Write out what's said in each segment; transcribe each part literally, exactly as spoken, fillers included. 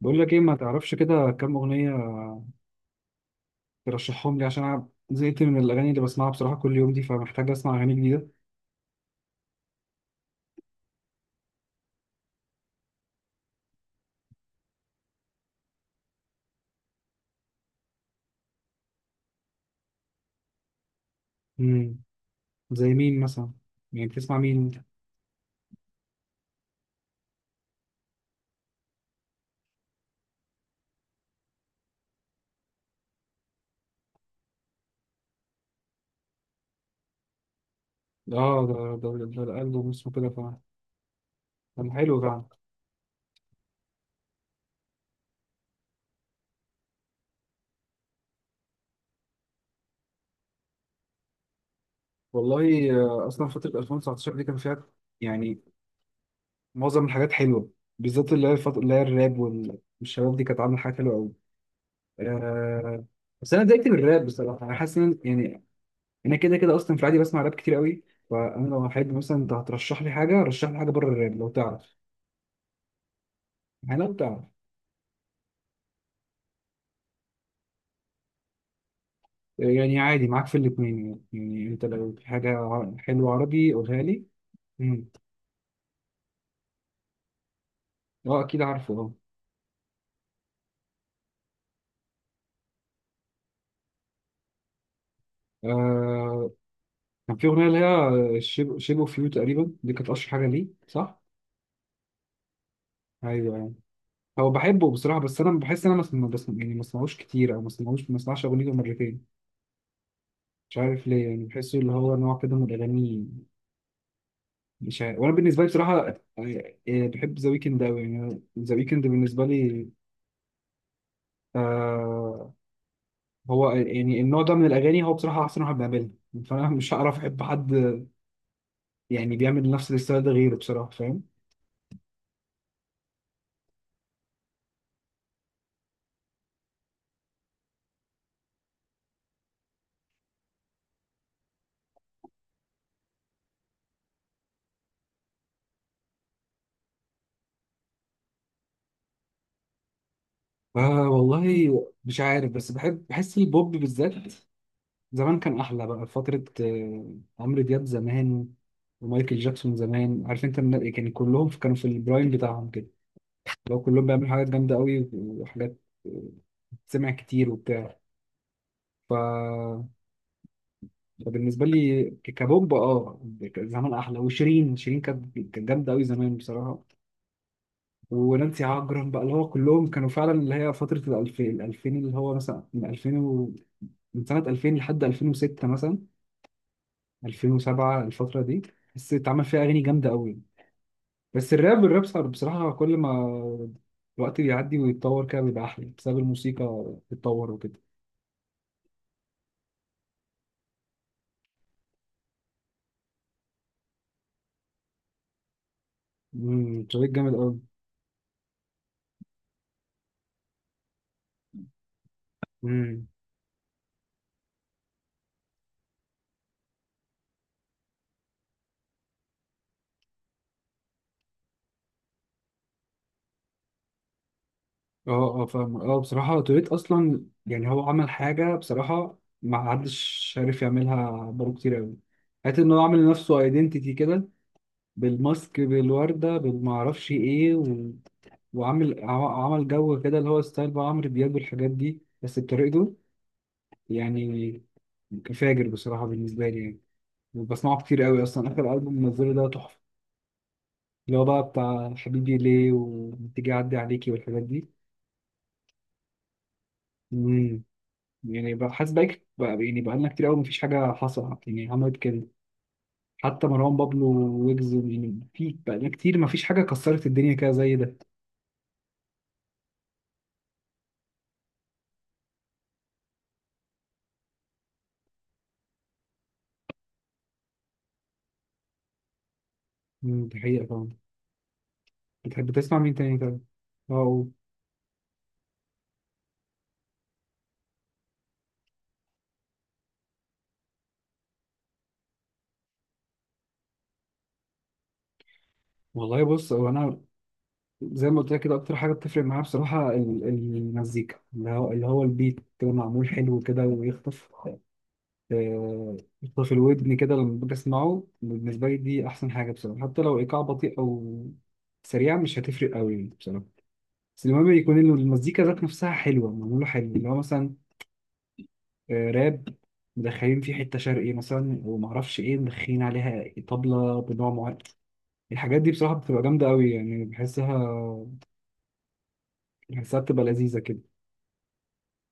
بقول لك ايه، ما تعرفش كده كام اغنيه ترشحهم لي؟ عشان انا زهقت من الاغاني اللي بسمعها بصراحه كل يوم دي، فمحتاج اسمع اغاني جديده. امم زي مين مثلا؟ يعني بتسمع مين انت؟ اه ده ده ده, ده الالبوم اسمه كده فعلا. كان حلو فعلا. والله آه، اصلا فتره ألفين وتسعتاشر دي كان فيها، يعني، معظم الحاجات حلوه، بالذات اللي هي الفتره اللي هي الراب وال- والشباب دي، كانت عامله حاجات حلوه قوي. آه. بس انا اتضايقت من الراب بصراحه، انا حاسس ان، يعني، انا كده كده اصلا في العادي بسمع راب كتير قوي. فانا لو حد مثلا، انت هترشح لي حاجه، رشح لي حاجه بره الراب لو تعرف. يعني لو تعرف. يعني عادي معاك في الاثنين، يعني يعني انت لو في حاجه ع- حلوه عربي قولها لي. امم. اه اكيد عارفه اه. آه، كان في اغنيه اللي هي شيب شيب اوف يو تقريبا، دي كانت اشهر حاجه ليه صح؟ ايوه يعني. هو بحبه بصراحه، بس انا بحس ان انا ما بسمع، يعني ما بسمعوش كتير، او ما بسمعوش، ما بسمعش اغنيته مرتين. مش عارف ليه، يعني بحسه اللي هو نوع كده من الاغاني. مش عارف. وانا بالنسبه لي بصراحه يعني، آه، يعني بحب ذا ويكند قوي. يعني ذا ويكند بالنسبه لي، آه، هو يعني النوع ده من الاغاني، هو بصراحه احسن واحد بيعملها. فانا مش هعرف احب حد يعني بيعمل نفس الستايل ده غيره بصراحه، فاهم. آه والله مش عارف، بس بحب، بحس البوب بالذات زمان كان احلى بقى. فتره آه، عمرو دياب زمان، ومايكل جاكسون زمان، عارف انت الن- كان كلهم كانوا في البرايم بتاعهم كده. لو كلهم بيعملوا حاجات جامده قوي وحاجات، آه، سمع كتير وبتاع. ف... فبالنسبه لي ك- كبومب اه، زمان احلى. وشيرين، شيرين كانت كانت جامده قوي زمان بصراحه. ونانسي عجرم بقى، اللي هو كلهم كانوا فعلا اللي هي فتره الألفين الألفين اللي هو مثلا من ألفين و... من سنه ألفين لحد ألفين وستة مثلا، ألفين وسبعة، الفتره دي بس اتعمل فيها اغاني جامده قوي. بس الراب، الراب صار بصراحه كل ما الوقت بيعدي ويتطور كده بيبقى احلى، بسبب الموسيقى بتتطور وكده. امم، شريك جامد قوي. اه اه فاهم اه. بصراحة توريت أصلا، يعني هو عمل حاجة بصراحة ما حدش عارف يعملها بقاله كتير أوي. حتى إن هو عامل لنفسه أيدنتيتي كده، بالماسك، بالوردة، بالمعرفش إيه و... وعامل ع- عمل جو كده اللي هو ستايل بقى عمرو دياب والحاجات دي، بس بطريقته، يعني فاجر بصراحة بالنسبة لي يعني. وبسمعه كتير أوي أصلا، آخر ألبوم منزله ده تحفة، اللي هو بقى بتاع حبيبي ليه وتيجي أعدي عليكي والحاجات دي. يعني بقى حاسس بقى بقى- يعني بقالنا كتير قوي مفيش حاجة حصلت يعني عملت كده، حتى مروان بابلو، ويجز، يعني في بقالنا كتير مفيش حاجة كسرت الدنيا كده زي ده. مم، دي حقيقة طبعا. بتحب تسمع مين تاني كده؟ اه والله، بص هو انا زي ما قلت لك كده، اكتر حاجه بتفرق معايا بصراحه ال- المزيكا اللي هو اللي هو البيت كده معمول حلو كده ويخطف، آه، يخطف الودن كده لما باجي اسمعه. بالنسبه لي دي احسن حاجه بصراحه، حتى لو ايقاع بطيء او سريع مش هتفرق قوي بصراحه. بس المهم يكون ال- المزيكا ذات نفسها حلوة، معمولة حلو، اللي هو مثلا آه، راب مدخلين فيه حتة شرقي مثلا، ومعرفش ايه، مدخلين عليها طبلة بنوع معين. الحاجات دي بصراحة بتبقى جامدة قوي يعني، بحسها بحسها بتبقى لذيذة كده.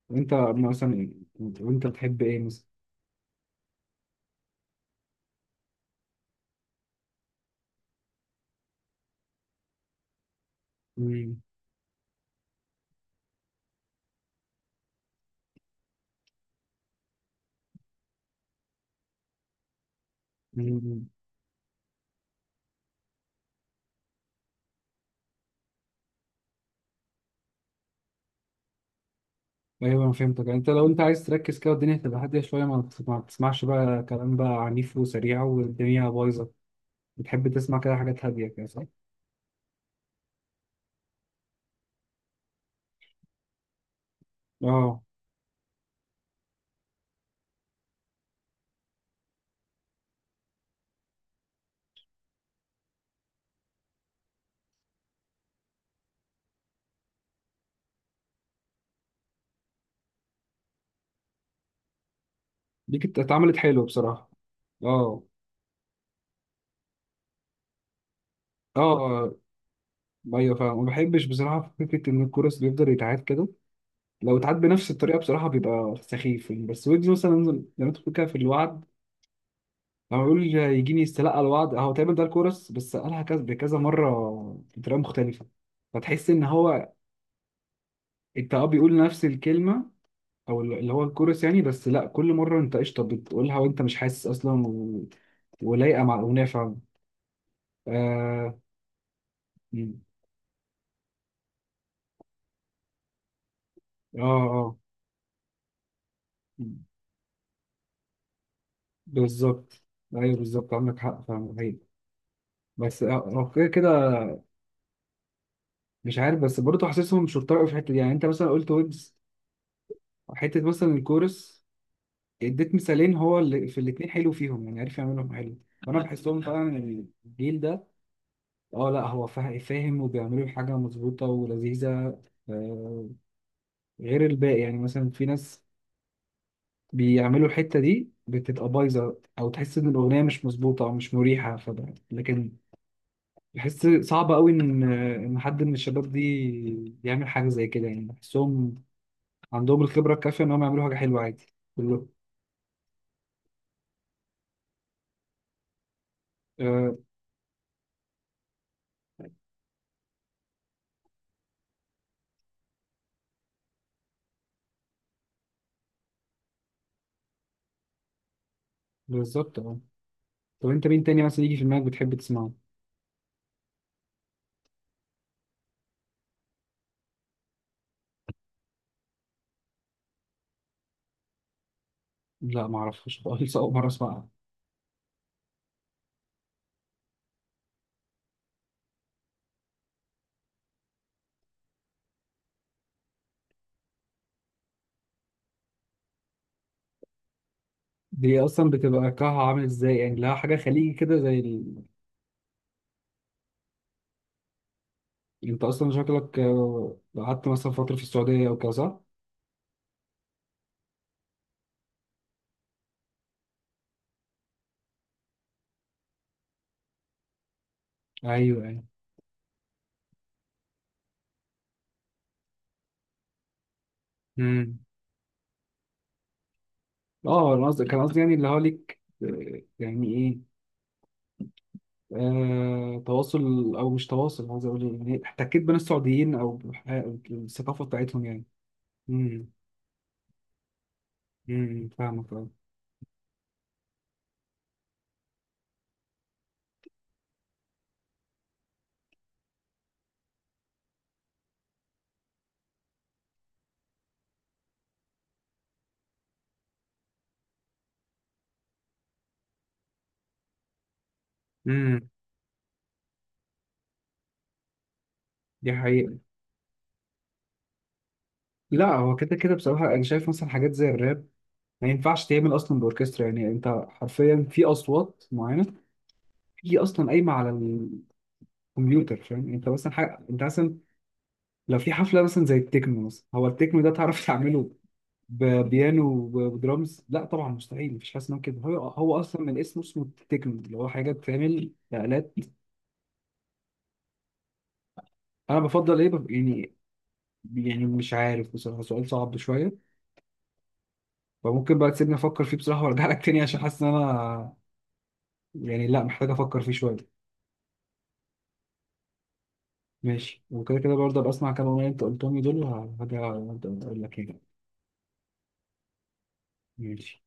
وانت مثلا، وانت بتحب ايه مثلا؟ مم. مم. ايوه انا فهمتك، يعني انت لو انت عايز تركز كده والدنيا تبقى هادية شوية، ما بتس- ما بتسمعش بقى كلام بقى عنيف وسريع والدنيا بايظة، بتحب تسمع كده حاجات هادية كده صح؟ اه. دي كانت اتعملت حلوه بصراحه، اه. اه آه، ايوه فاهم. ما بحبش بصراحه فكره ان الكورس بيفضل يتعاد كده، لو اتعاد بنفس الطريقه بصراحه بيبقى سخيف يعني. بس ويجز مثلا زي ما انت بتقول كده في الوعد، لما يقول يجيني يستلقى الوعد، هو تقريبا ده الكورس بس قالها كذا بكذا مره بطريقه مختلفه، فتحس ان هو، انت اه بيقول نفس الكلمه او اللي هو الكورس يعني، بس لا كل مره انت قشطه بتقولها وانت مش حاسس اصلا و... ولايقه مع الاغنيه فعلا. اه اه, آه. بالظبط. ايوه بالظبط، عندك حق فاهم حقيقي. بس لو كده كده، مش عارف، بس برضه حاسسهم شرطة قوي في الحته دي. يعني انت مثلا قلت ويبز، حته مثلا الكورس، اديت مثالين هو اللي في الاثنين حلو فيهم، يعني عارف يعملهم حلو. فانا بحسهم فعلا إن الجيل ده، اه لا هو فا- فاهم وبيعملوا حاجه مظبوطه ولذيذه، آه، غير الباقي، يعني مثلا في ناس بيعملوا الحته دي بتبقى بايظه، او تحس ان الاغنيه مش مظبوطه او مش مريحه. فده لكن، بحس صعب قوي ان ان حد من الشباب دي يعمل حاجه زي كده، يعني بحسهم عندهم الخبره الكافيه انهم يعملوا حاجه حلوه عادي. كله آه بالظبط اه. طب انت مين تاني مثلا يجي في دماغك بتحب تسمعه؟ لا ما اعرفش خالص، اول مره اسمعها. دي اصلا بتبقى كها عامل ازاي يعني؟ لها حاجه خليجي كده زي ال... انت اصلا شكلك آه، قعدت مثلا فتره في السعوديه او كده صح؟ ايوه ايوه. امم. اه انا قصدي، كان قصدي يعني اللي هو ليك آه، يعني ايه، آه، تواصل او مش تواصل، عايز اقول إيه، يعني احتكيت بين السعوديين او بح- الثقافه بتاعتهم يعني. امم. امم فاهمك اه. امم. دي حقيقه. لا هو كده كده بصراحه، انا شايف مثلا حاجات زي الراب ما ينفعش تعمل اصلا باوركسترا. يعني انت حرفيا في اصوات معينه هي اصلا قايمه على الكمبيوتر، فاهم. انت مثلا حاجه، انت مثلا لو في حفله مثلا زي التكنو مثلا، هو التكنو ده تعرف تعمله ببيانو وب- وبدرامز؟ لا طبعا مستحيل، مفيش حاجه اسمها كده. هو هو اصلا من الاسم اسمه تكنو، اللي هو حاجه بتعمل آلات. انا بفضل ايه، بف- يعني، يعني مش عارف بصراحه، سؤال صعب شويه. فممكن بقى تسيبني افكر فيه بصراحه وارجع لك تاني، عشان حاسس ان انا يعني، لا محتاج افكر فيه شويه. ماشي، وكده كده برضه ابقى اسمع كام اغنيه انت قلتهم لي دول، وهرجع اقول لك يعني. ماشي.